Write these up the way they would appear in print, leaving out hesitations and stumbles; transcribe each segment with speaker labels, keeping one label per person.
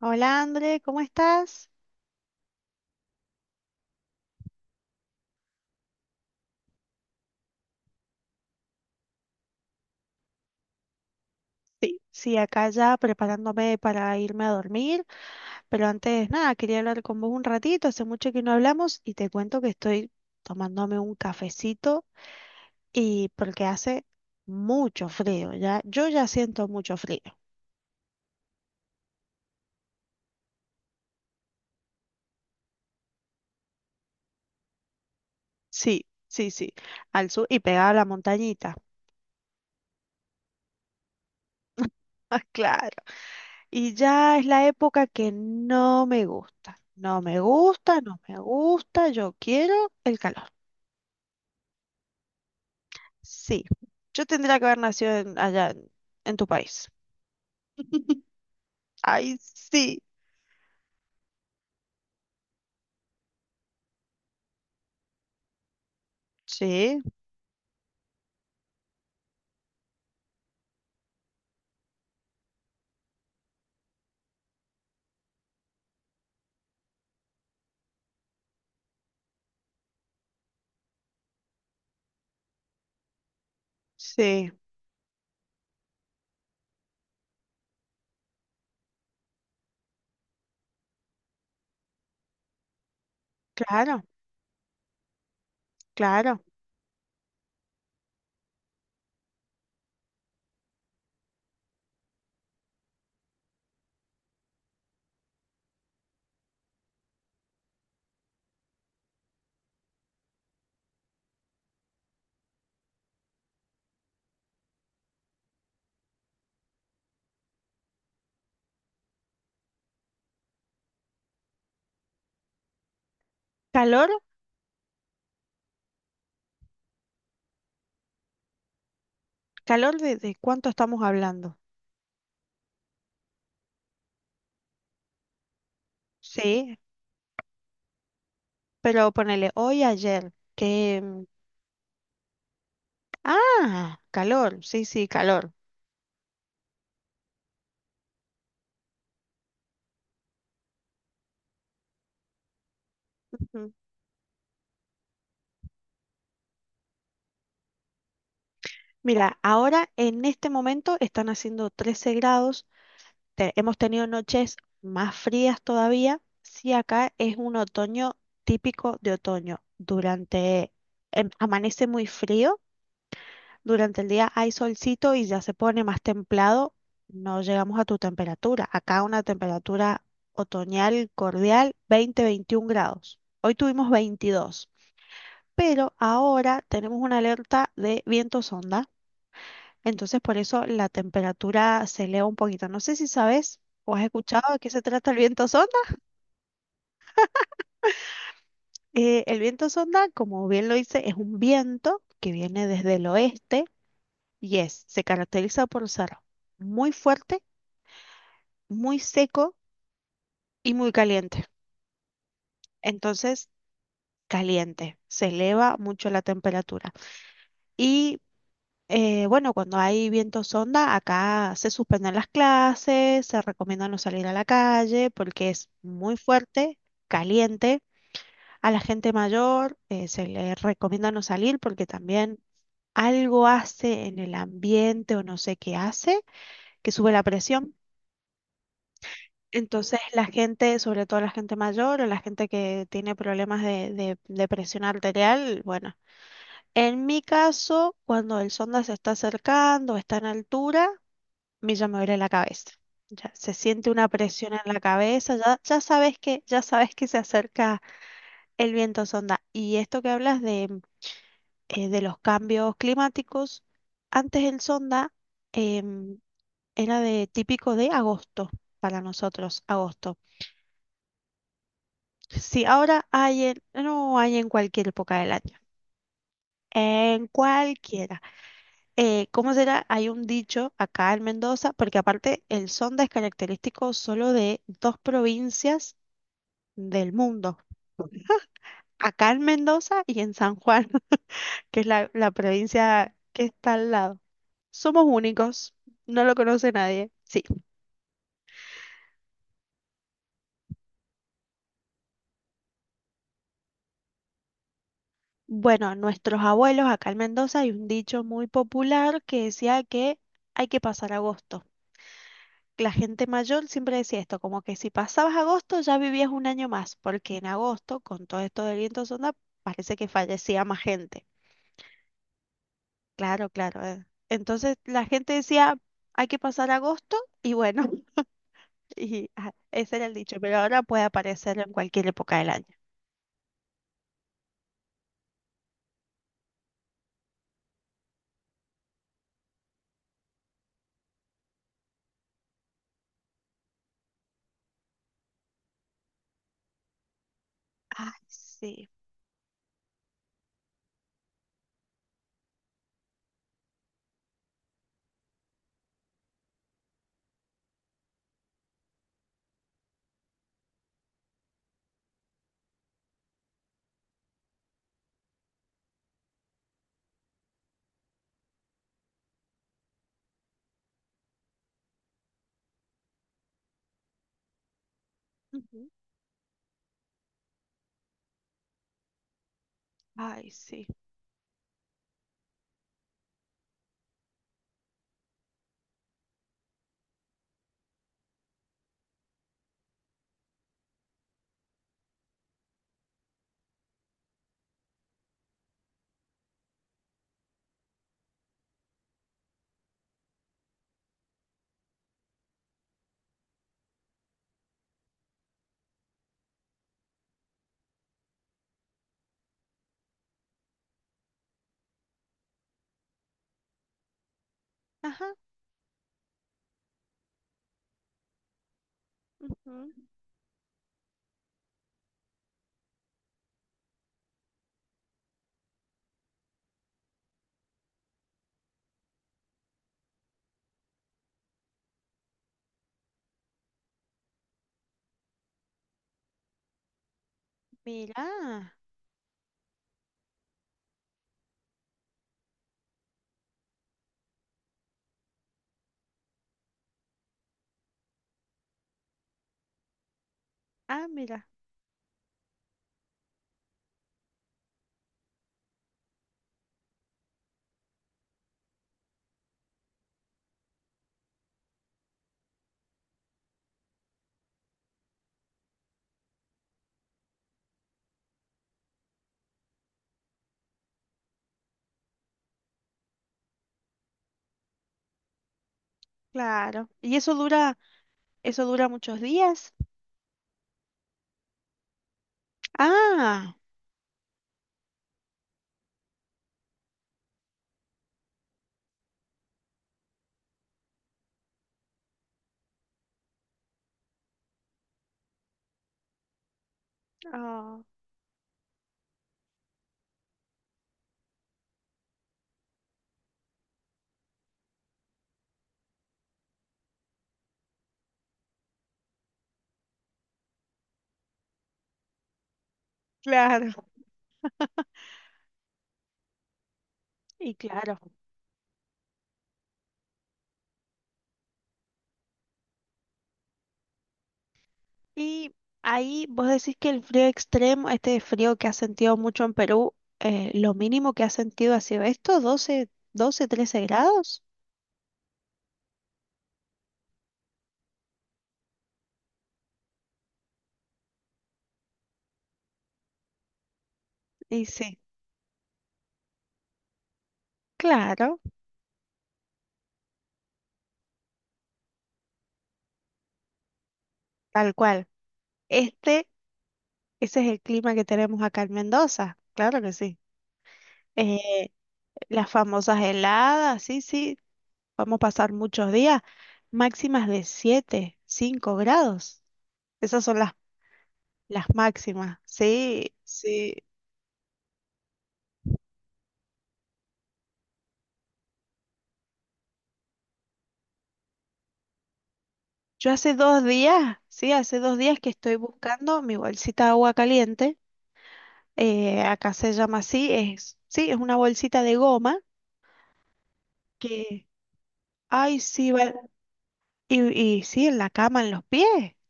Speaker 1: Hola André, ¿cómo estás? Sí, sí, acá ya preparándome para irme a dormir, pero antes nada, quería hablar con vos un ratito, hace mucho que no hablamos y te cuento que estoy tomándome un cafecito y porque hace mucho frío, ya, yo ya siento mucho frío. Sí, sí, sí, al sur y pegada a la montañita. Ah, claro. Y ya es la época que no me gusta, no me gusta, no me gusta, yo quiero el calor. Sí, yo tendría que haber nacido allá en tu país. Ay, sí. Sí, sí, claro, claro. ¿Calor? ¿Calor de cuánto estamos hablando? Sí, pero ponele hoy, ayer, que... ah, calor, sí, sí, calor. Ujú. Mira, ahora en este momento están haciendo 13 grados. Hemos tenido noches más frías todavía. Sí, acá es un otoño típico de otoño. Durante, amanece muy frío, durante el día hay solcito y ya se pone más templado. No llegamos a tu temperatura. Acá una temperatura otoñal cordial, 20-21 grados. Hoy tuvimos 22, pero ahora tenemos una alerta de vientos onda. Entonces por eso la temperatura se eleva un poquito. No sé si sabes o has escuchado de qué se trata el viento sonda. El viento sonda, como bien lo dice, es un viento que viene desde el oeste y se caracteriza por ser muy fuerte, muy seco y muy caliente. Entonces, caliente, se eleva mucho la temperatura. Y bueno, cuando hay vientos sonda, acá se suspenden las clases, se recomienda no salir a la calle porque es muy fuerte, caliente. A la gente mayor se le recomienda no salir porque también algo hace en el ambiente o no sé qué hace, que sube la presión. Entonces la gente, sobre todo la gente mayor o la gente que tiene problemas de presión arterial, bueno, en mi caso, cuando el sonda se está acercando, está en altura, mí ya me duele la cabeza. Ya se siente una presión en la cabeza, ya, ya sabes que se acerca el viento sonda. Y esto que hablas de los cambios climáticos, antes el sonda em, era de típico de agosto para nosotros, agosto. Sí, ahora no hay en cualquier época del año. En cualquiera. ¿Cómo será? Hay un dicho acá en Mendoza, porque aparte el sonda es característico solo de dos provincias del mundo. Acá en Mendoza y en San Juan, que es la, la provincia que está al lado. Somos únicos, no lo conoce nadie. Sí. Bueno, nuestros abuelos acá en Mendoza hay un dicho muy popular que decía que hay que pasar agosto. La gente mayor siempre decía esto, como que si pasabas agosto ya vivías un año más, porque en agosto, con todo esto del viento sonda, parece que fallecía más gente. Claro, claro. Entonces la gente decía, hay que pasar agosto y bueno. Y ajá, ese era el dicho, pero ahora puede aparecer en cualquier época del año. Ay, sí. Ujú. Ay, sí. Ajá. Ujú. Mira. Ah, mira. Claro. ¿Y eso dura muchos días? Ah. Ah, claro. Y claro. Y ahí vos decís que el frío extremo, este frío que has sentido mucho en Perú, lo mínimo que has sentido ha sido esto, doce 13 grados. Y sí, claro, tal cual. Este Ese es el clima que tenemos acá en Mendoza, claro que sí. Eh, las famosas heladas, sí, sí, vamos a pasar muchos días, máximas de 7, 5 grados. Esas son las máximas, sí, sí. Yo hace 2 días, sí, hace 2 días que estoy buscando mi bolsita de agua caliente, acá se llama así, es, sí, es una bolsita de goma que, ay, sí, va- y sí, en la cama, en los pies.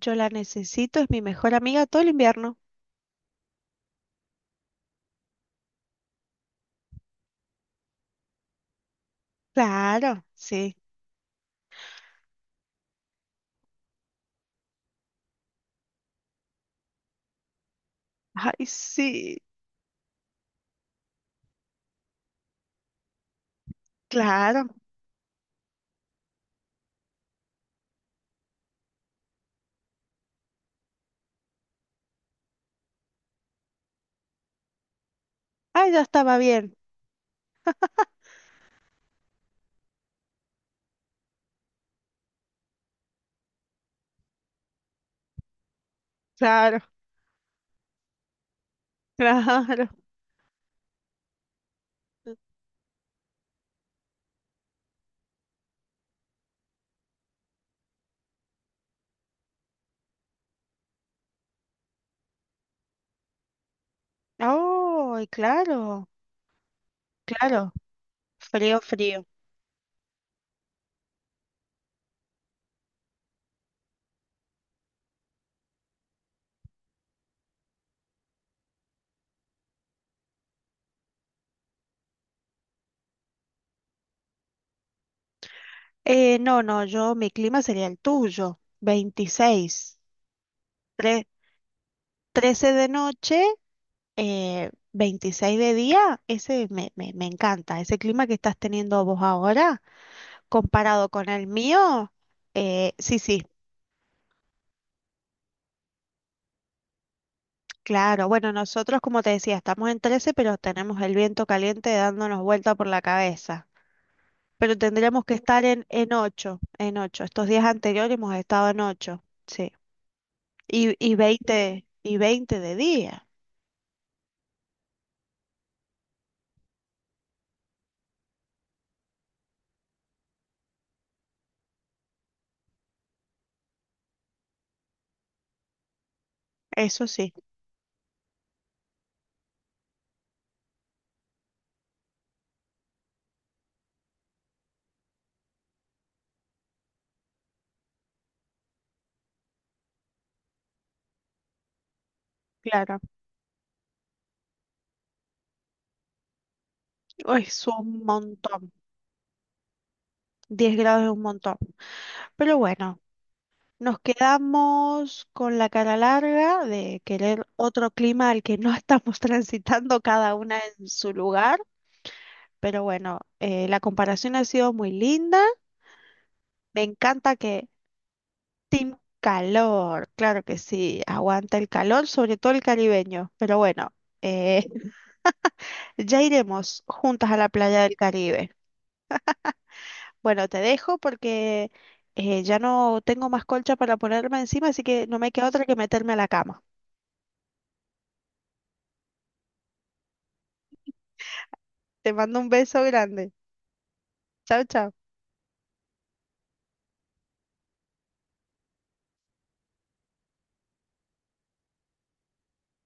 Speaker 1: Yo la necesito, es mi mejor amiga todo el invierno. Claro, sí. Ay, sí, claro. Ay, ya estaba bien. Claro, claro. Ay, claro, claro. Frío, frío. No, no, yo, mi clima sería el tuyo. 26, Tre- 13 de noche, 26 de día. Ese me encanta. Ese clima que estás teniendo vos ahora, comparado con el mío, sí, sí. Claro, bueno, nosotros como te decía, estamos en 13, pero tenemos el viento caliente dándonos vuelta por la cabeza. Pero tendríamos que estar en 8, en 8. Estos días anteriores hemos estado en 8, sí. Y 20 y 20 de día, eso sí, claro. Uy, es un montón, 10 grados es un montón. Pero bueno, nos quedamos con la cara larga de querer otro clima al que no estamos transitando cada una en su lugar, pero bueno, la comparación ha sido muy linda. Me encanta que Team Calor, claro que sí, aguanta el calor, sobre todo el caribeño, pero bueno, eh, ya iremos juntas a la playa del Caribe. Bueno, te dejo porque ya no tengo más colcha para ponerme encima, así que no me queda otra que meterme a la cama. Te mando un beso grande. Chao, chao.